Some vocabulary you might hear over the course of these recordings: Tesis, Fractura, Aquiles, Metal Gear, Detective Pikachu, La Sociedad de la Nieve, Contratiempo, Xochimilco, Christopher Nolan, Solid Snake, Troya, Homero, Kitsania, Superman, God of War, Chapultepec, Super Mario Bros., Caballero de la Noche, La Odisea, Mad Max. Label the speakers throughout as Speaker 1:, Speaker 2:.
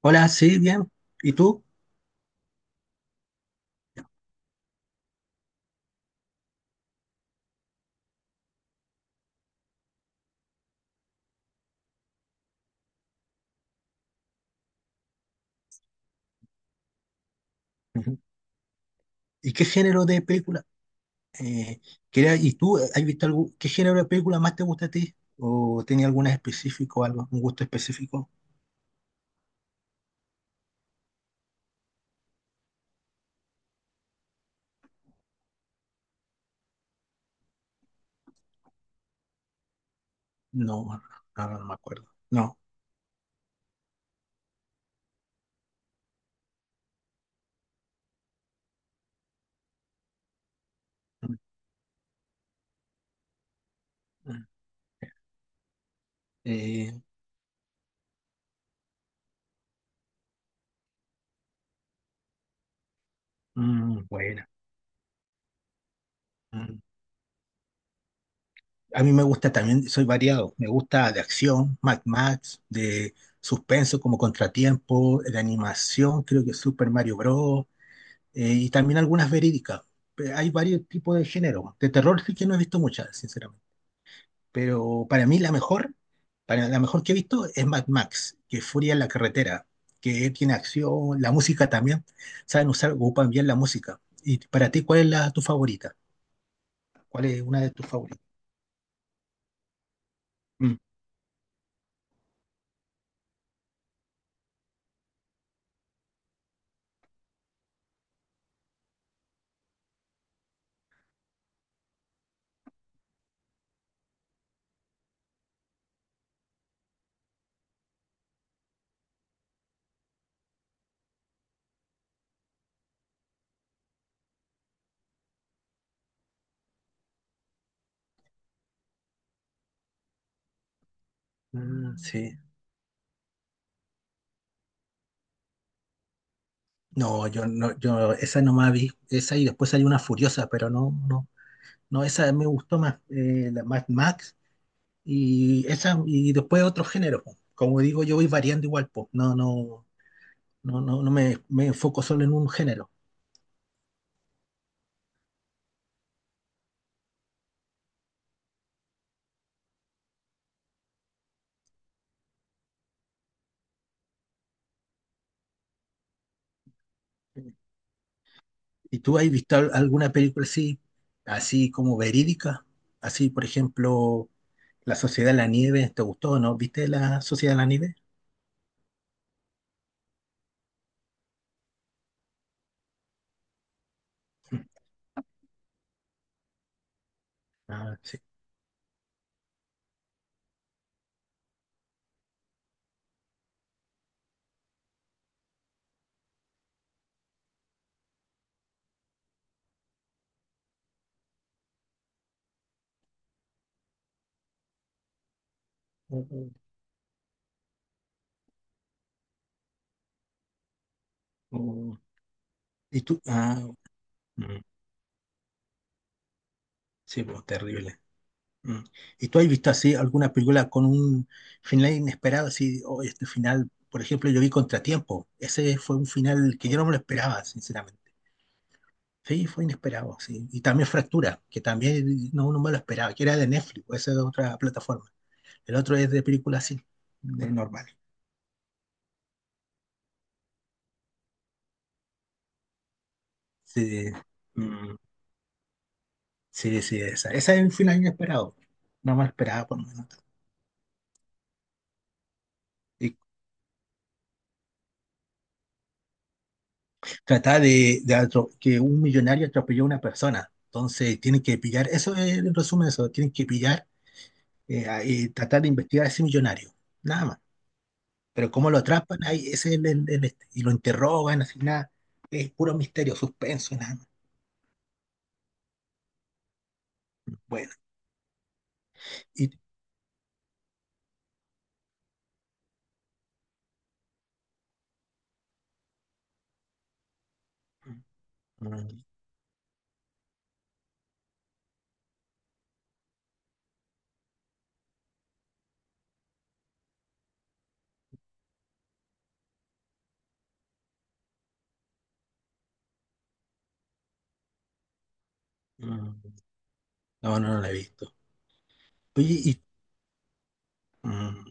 Speaker 1: Hola, sí, bien. ¿Y tú? Ujú. ¿Y qué género de película? Eh, quería- ¿Y tú has visto algún, qué género de película más te gusta a ti? ¿O tenía alguna específico, algo, un gusto específico? No, ahora no me acuerdo. No. Mm, mm. Eh, mm, bueno. Mm. A mí me gusta también, soy variado. Me gusta de acción, Mad Max, de suspenso como Contratiempo, de animación, creo que Super Mario Bros., y también algunas verídicas. Pe- hay varios tipos de género. De terror sí que no he visto muchas, sinceramente. Pero para mí la mejor, para la mejor que he visto es Mad Max, que es Furia en la carretera, que tiene acción, la música también. Saben usar, ocupan bien la música. Y para ti, ¿cuál es la, tu favorita? ¿Cuál es una de tus favoritas? Mm. Mm, sí. No, yo no, yo esa no más vi, esa y después hay una furiosa, pero no, no, no, esa me gustó más, la Mad Max. Y, esa, y después otros géneros, po. Como digo, yo voy variando igual, po. No, no, no, no, no me, me enfoco solo en un género. ¿Y tú has visto al- alguna película así, así como verídica? Así, por ejemplo, La Sociedad de la Nieve, ¿te gustó o no? ¿Viste La Sociedad de la Nieve? Ah, sí. Mm, mm. ¿Y tú? Ah, mm, sí, pues, terrible. Mm. ¿Y tú has visto así alguna película con un final inesperado? Así, "Oh, este final", por ejemplo, yo vi Contratiempo. Ese fue un final que yo no me lo esperaba, sinceramente. Sí, fue inesperado, sí. Y también Fractura, que también no, no me lo esperaba, que era de Netflix, esa es de otra plataforma. El otro es de película así, de normal. Sí, mm, sí, sí, esa. Esa es un final inesperado. No me lo esperaba, por lo menos. ¿Y tratar de atro- que un millonario atropelló a una persona. Entonces tienen que pillar, eso es el resumen de eso, tienen que pillar a- y tratar de investigar a ese millonario, nada más. Pero cómo lo atrapan, ahí ese es el este, y lo interrogan, así nada, es puro misterio, suspenso, nada más. Bueno, y mm, mm, mm, no, no, no lo he visto. Oye, y mm,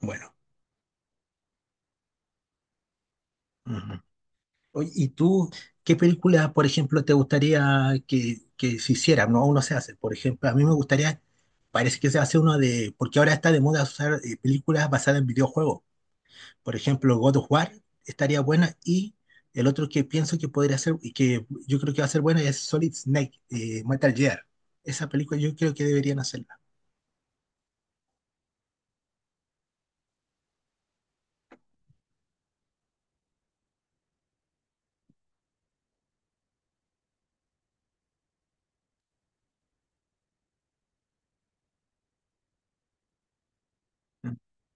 Speaker 1: bueno. Mm. Oye, ¿y tú qué película, por ejemplo, te gustaría que se hiciera? No, aún no se hace. Por ejemplo, a mí me gustaría, parece que se hace uno de, porque ahora está de moda usar películas basadas en videojuegos. Por ejemplo, God of War estaría buena y el otro que pienso que podría ser, y que yo creo que va a ser buena, es Solid Snake, Metal Gear. Esa película yo creo que deberían hacerla.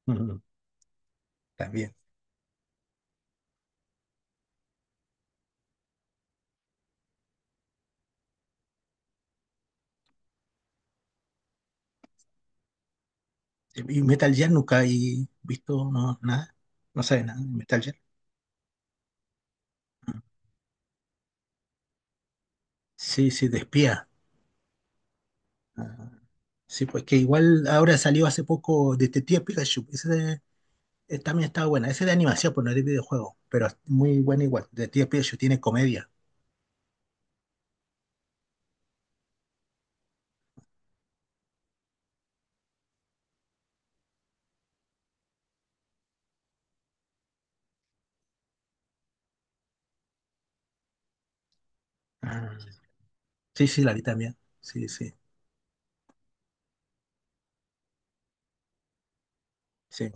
Speaker 1: Ujú. También. Y Metal Gear nunca he visto, no, nada. No sabe nada de Metal Gear. Sí, sí, de espía. Sí, pues que igual ahora salió hace poco Detective Pikachu. Ese también estaba buena. Ese de animación, pues no es de videojuego, pero es muy buena igual. Detective Pikachu tiene comedia. Ah, sí, sí, la vi también. Sí, sí, sí.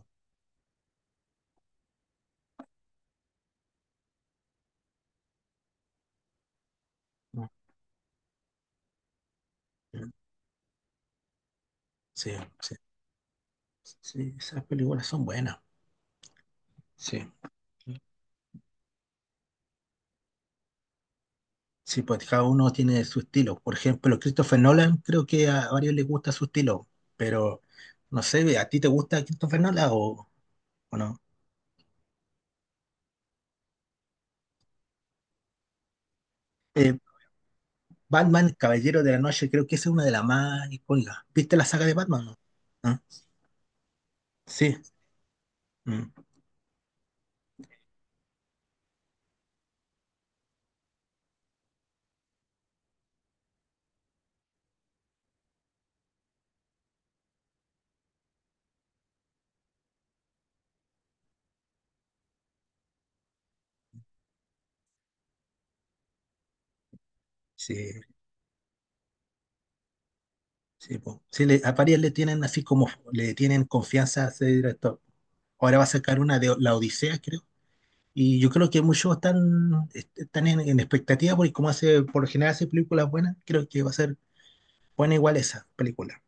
Speaker 1: No, sí, sí. Sí, esas películas son buenas. Sí. Sí, pues cada uno tiene su estilo. Por ejemplo, Christopher Nolan, creo que a varios les gusta su estilo, pero no sé, ¿a ti te gusta Christopher Nolan o no? Batman, Caballero de la Noche, creo que esa es una de las más icónicas. ¿Viste la saga de Batman, no? ¿Ah? Sí, mm, sí, sí, po. Sí, le- a varias le tienen así como, le tienen confianza a ese director. Ahora va a sacar una de La Odisea, creo. Y yo creo que muchos están, est- están en expectativa porque como hace, por lo general hace películas buenas, creo que va a ser buena igual esa película.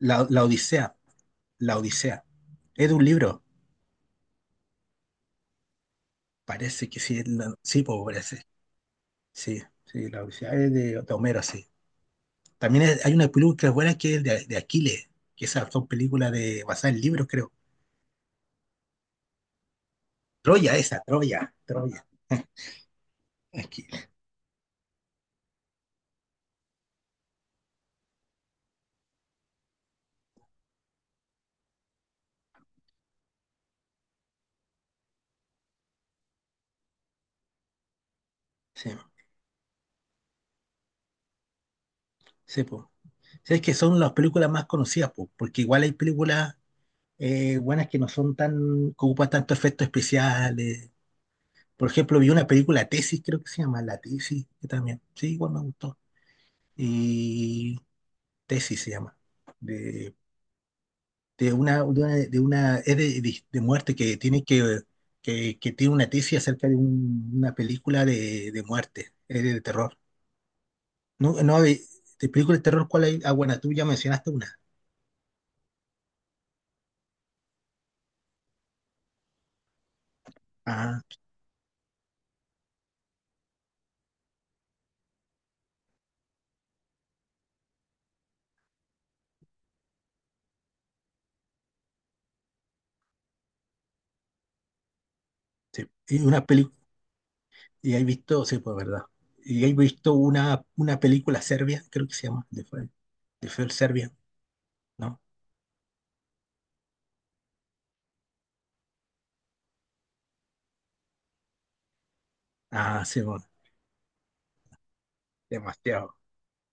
Speaker 1: La, La Odisea, La Odisea. Es de un libro, parece que sí, es la- sí, po, parece. Sí, sí, La Odisea es de Homero, sí. También es- hay una película buena que es de Aquiles, que esas son películas de, basadas en libros, creo. Troya, esa, Troya, Troya, Aquiles. Sí, sí, po. Sí, es que son las películas más conocidas, po, porque igual hay películas buenas que no son tan, que ocupan tanto efectos especiales. Por ejemplo, vi una película Tesis, creo que se llama La Tesis, que también, sí, igual me gustó. Y Tesis se llama, de de una, de una, de una- es de muerte que tiene una tesis acerca de un- una película de muerte, es de terror. No, no, de película de terror, ¿cuál hay? Ah, bueno, tú ya mencionaste una. Ah, sí. Y una película, y hay visto, sí, pues verdad. Y hay visto una película serbia, creo que se llama, de Fer Serbia, ¿no? Ah, sí, bueno, demasiado.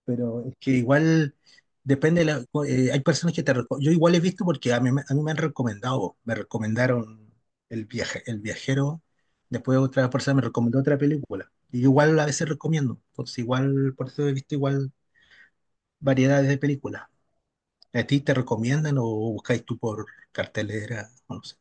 Speaker 1: Pero es que igual depende, de la- hay personas que te reco- Yo igual he visto porque a mí me han recomendado, me recomendaron el viaje, el viajero, después otra persona me recomendó otra película. Y igual a veces recomiendo, entonces igual, por eso he visto igual variedades de películas. ¿A ti te recomiendan o buscáis tú por cartelera? No sé.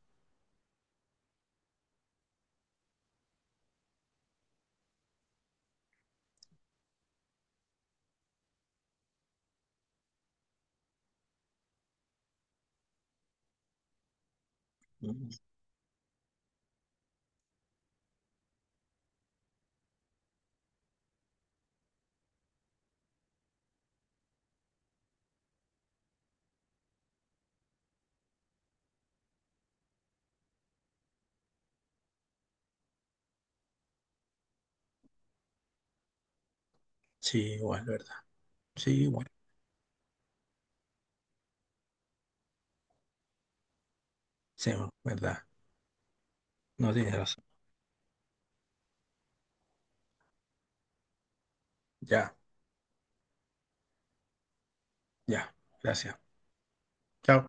Speaker 1: Mm, sí, igual, ¿verdad? Sí, igual. Sí, ¿verdad? No tienes razón. Ya, ya. Gracias. Chao.